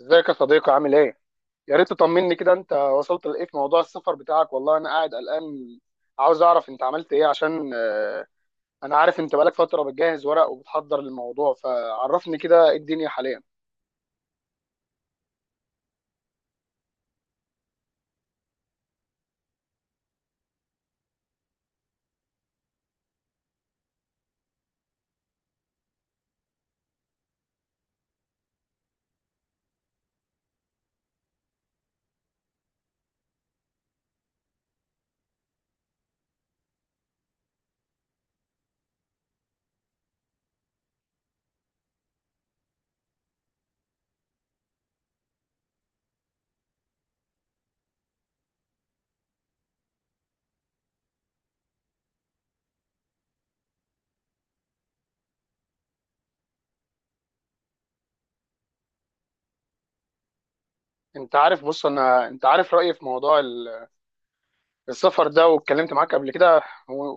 ازيك يا صديقي عامل ايه؟ يا ريت تطمني كده، انت وصلت لايه في موضوع السفر بتاعك؟ والله انا قاعد قلقان. عاوز اعرف انت عملت ايه عشان انا عارف انت بقالك فترة بتجهز ورق وبتحضر للموضوع، فعرفني كده ايه الدنيا حاليا. انت عارف، بص، انا انت عارف رأيي في موضوع السفر ده، واتكلمت معاك قبل كده و...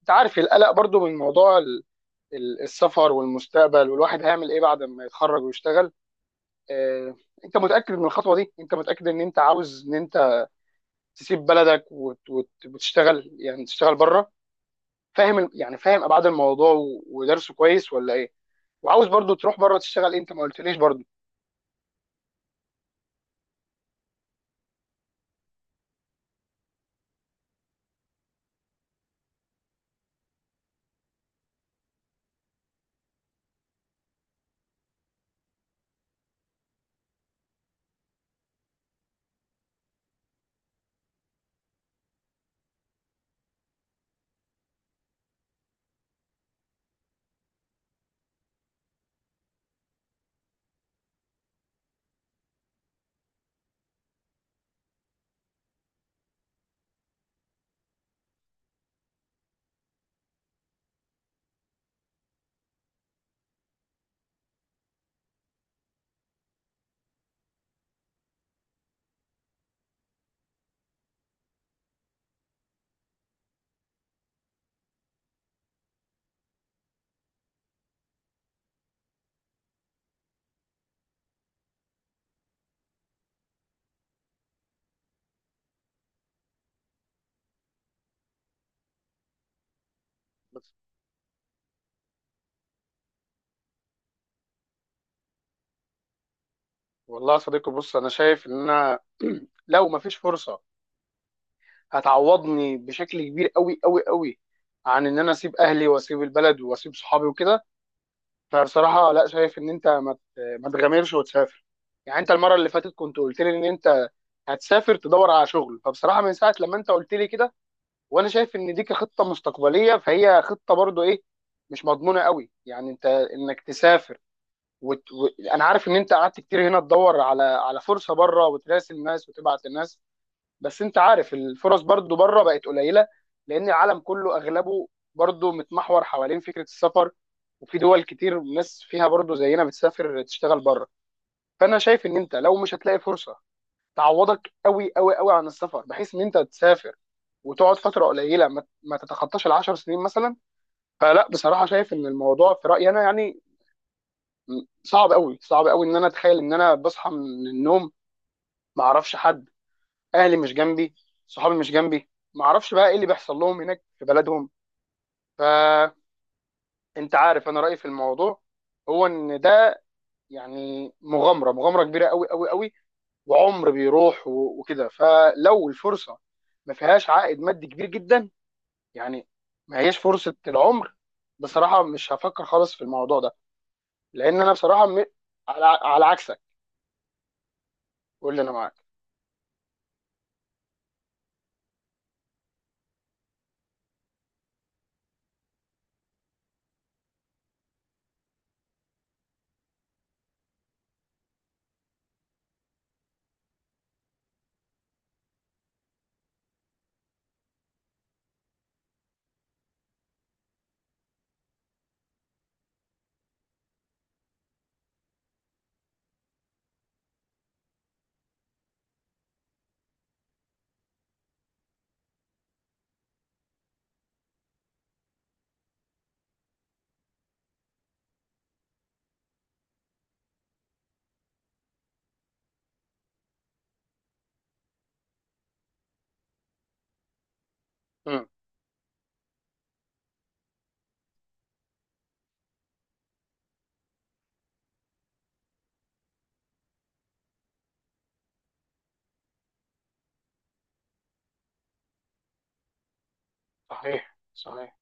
انت عارف القلق برضو من موضوع السفر والمستقبل، والواحد هيعمل ايه بعد ما يتخرج ويشتغل؟ آه، انت متأكد من الخطوة دي؟ انت متأكد ان انت عاوز ان انت تسيب بلدك وتشتغل؟ يعني تشتغل بره؟ فاهم يعني فاهم ابعاد الموضوع ودرسه كويس ولا ايه؟ وعاوز برضو تروح بره تشتغل إيه؟ انت ما قلتليش برضو. والله يا صديقي بص، انا شايف ان انا لو ما فيش فرصه هتعوضني بشكل كبير قوي قوي قوي عن ان انا اسيب اهلي واسيب البلد واسيب صحابي وكده، فبصراحه لا، شايف ان انت ما تغامرش وتسافر. يعني انت المره اللي فاتت كنت قلت لي ان انت هتسافر تدور على شغل، فبصراحه من ساعه لما انت قلت لي كده وانا شايف ان دي كخطه مستقبليه، فهي خطه برضو ايه، مش مضمونه قوي. يعني انت انك تسافر وت... و... انا عارف ان انت قعدت كتير هنا تدور على فرصه بره، وتراسل الناس وتبعت الناس، بس انت عارف الفرص برضو بره بقت قليله، لان العالم كله اغلبه برضو متمحور حوالين فكره السفر، وفي دول كتير ناس فيها برضو زينا بتسافر تشتغل بره. فانا شايف ان انت لو مش هتلاقي فرصه تعوضك قوي قوي قوي عن السفر، بحيث ان انت تسافر وتقعد فتره قليله ما تتخطاش العشر سنين مثلا، فلا بصراحه، شايف ان الموضوع في رايي انا يعني صعب قوي، صعب قوي ان انا اتخيل ان انا بصحى من النوم ما اعرفش حد، اهلي مش جنبي، صحابي مش جنبي، ما اعرفش بقى ايه اللي بيحصل لهم هناك في بلدهم. فانت عارف انا رايي في الموضوع، هو ان ده يعني مغامره كبيره قوي قوي قوي، وعمر بيروح وكده. فلو الفرصه ما فيهاش عائد مادي كبير جدا، يعني ما هيش فرصه العمر، بصراحه مش هفكر خالص في الموضوع ده، لان انا بصراحه على على عكسك، قول لي انا معاك. امم، صحيح صحيح.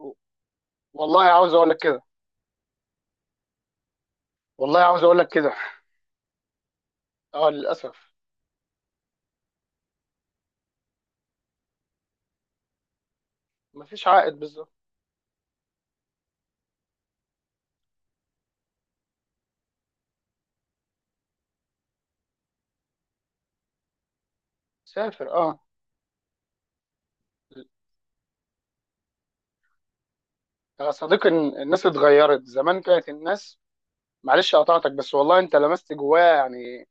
و- والله عاوز اقول لك كده، والله عاوز اقول لك كده، اه للاسف مفيش عائد بالظبط. سافر، اه. يا صديقي الناس اتغيرت. زمان كانت الناس، معلش قطعتك، بس والله انت لمست جوايا يعني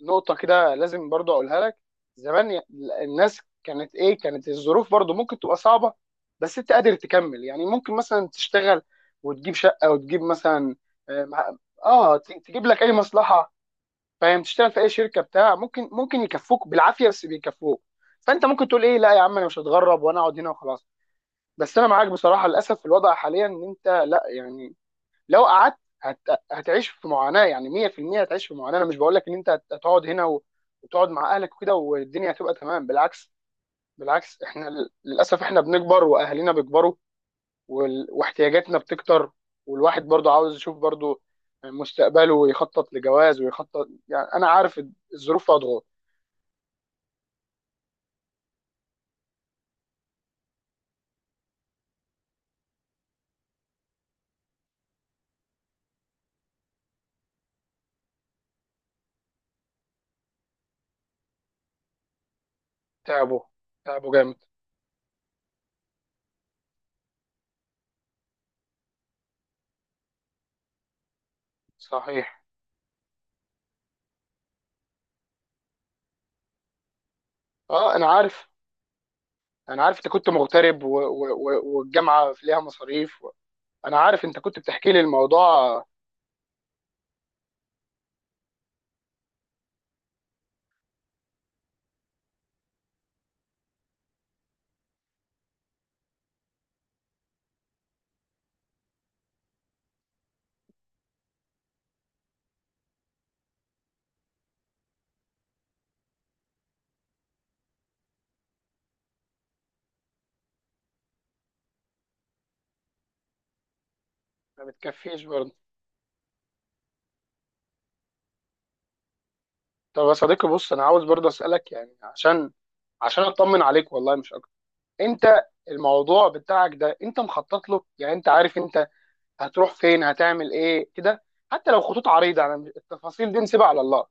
نقطة كده لازم برضو أقولها لك. زمان الناس كانت إيه، كانت الظروف برضو ممكن تبقى صعبة، بس أنت قادر تكمل. يعني ممكن مثلا تشتغل وتجيب شقة وتجيب مثلا، آه مع- تجيب لك أي مصلحة، فاهم، تشتغل في أي شركة بتاع، ممكن ممكن يكفوك بالعافية بس بيكفوك. فأنت ممكن تقول إيه، لا يا عم، أنا مش هتغرب، وأنا أقعد هنا وخلاص. بس أنا معاك بصراحة، للأسف الوضع حاليا إن أنت لا يعني لو قعدت هتعيش في معاناه، يعني 100% هتعيش في معاناه. انا مش بقول لك ان انت هتقعد هنا وتقعد مع اهلك وكده والدنيا هتبقى تمام، بالعكس، بالعكس. احنا للاسف احنا بنكبر واهالينا بيكبروا واحتياجاتنا بتكتر، والواحد برضو عاوز يشوف برضو مستقبله ويخطط لجواز ويخطط، يعني انا عارف الظروف فيها ضغوط. تعبوا، تعبوا جامد. صحيح. اه انا عارف، انا عارف انت كنت مغترب والجامعه فيها مصاريف، انا عارف انت كنت بتحكي لي الموضوع. ما بتكفيش برضه. طب يا صديقي بص، انا عاوز برضه اسالك يعني عشان عشان اطمن عليك والله مش اكتر. انت الموضوع بتاعك ده انت مخطط له؟ يعني انت عارف انت هتروح فين هتعمل ايه كده؟ حتى لو خطوط عريضه، انا مش، التفاصيل دي نسيبها على الله.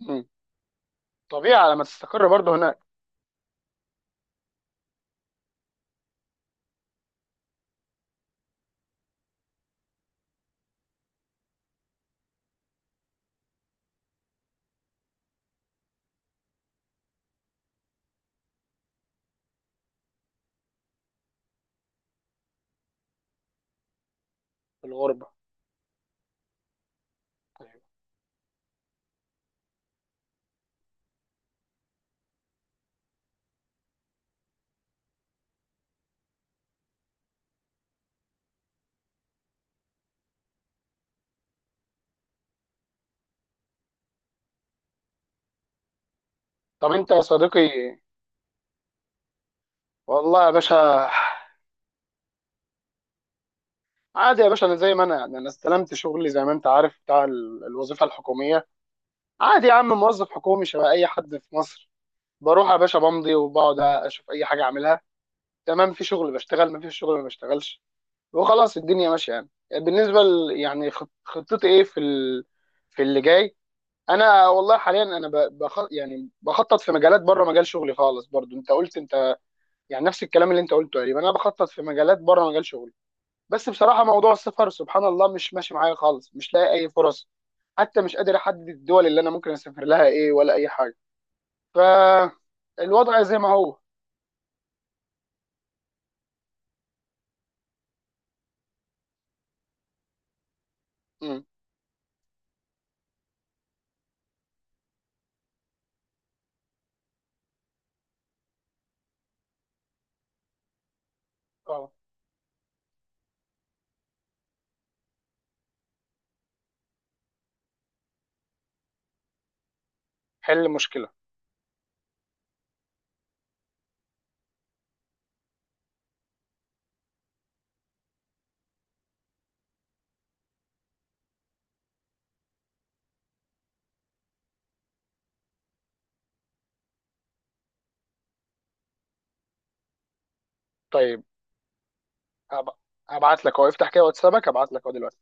مم. طبيعي على ما تستقر برضه هناك في الغربه. طب انت يا صديقي، والله يا باشا، عادي يا باشا، انا زي ما انا، يعني انا استلمت شغلي زي ما انت عارف بتاع الوظيفه الحكوميه. عادي يا عم، موظف حكومي شبه اي حد في مصر. بروح يا باشا بمضي وبقعد اشوف اي حاجه اعملها، تمام. في شغل بشتغل، ما فيش شغل ما بشتغلش، وخلاص الدنيا ماشيه. يعني بالنسبه يعني خطتي ايه في في اللي جاي؟ انا والله حاليا انا يعني بخطط في مجالات بره مجال شغلي خالص، برضو انت قلت انت يعني نفس الكلام اللي انت قلته تقريبا، انا بخطط في مجالات بره مجال شغلي، بس بصراحه موضوع السفر سبحان الله مش ماشي معايا خالص، مش لاقي اي فرص، حتى مش قادر احدد الدول اللي انا ممكن اسافر لها ايه ولا اي حاجه. فالوضع زي ما هو. اه، حل مشكله. طيب، أب... ابعت لك اهو، افتح كده واتسابك، ابعت لك اهو دلوقتي.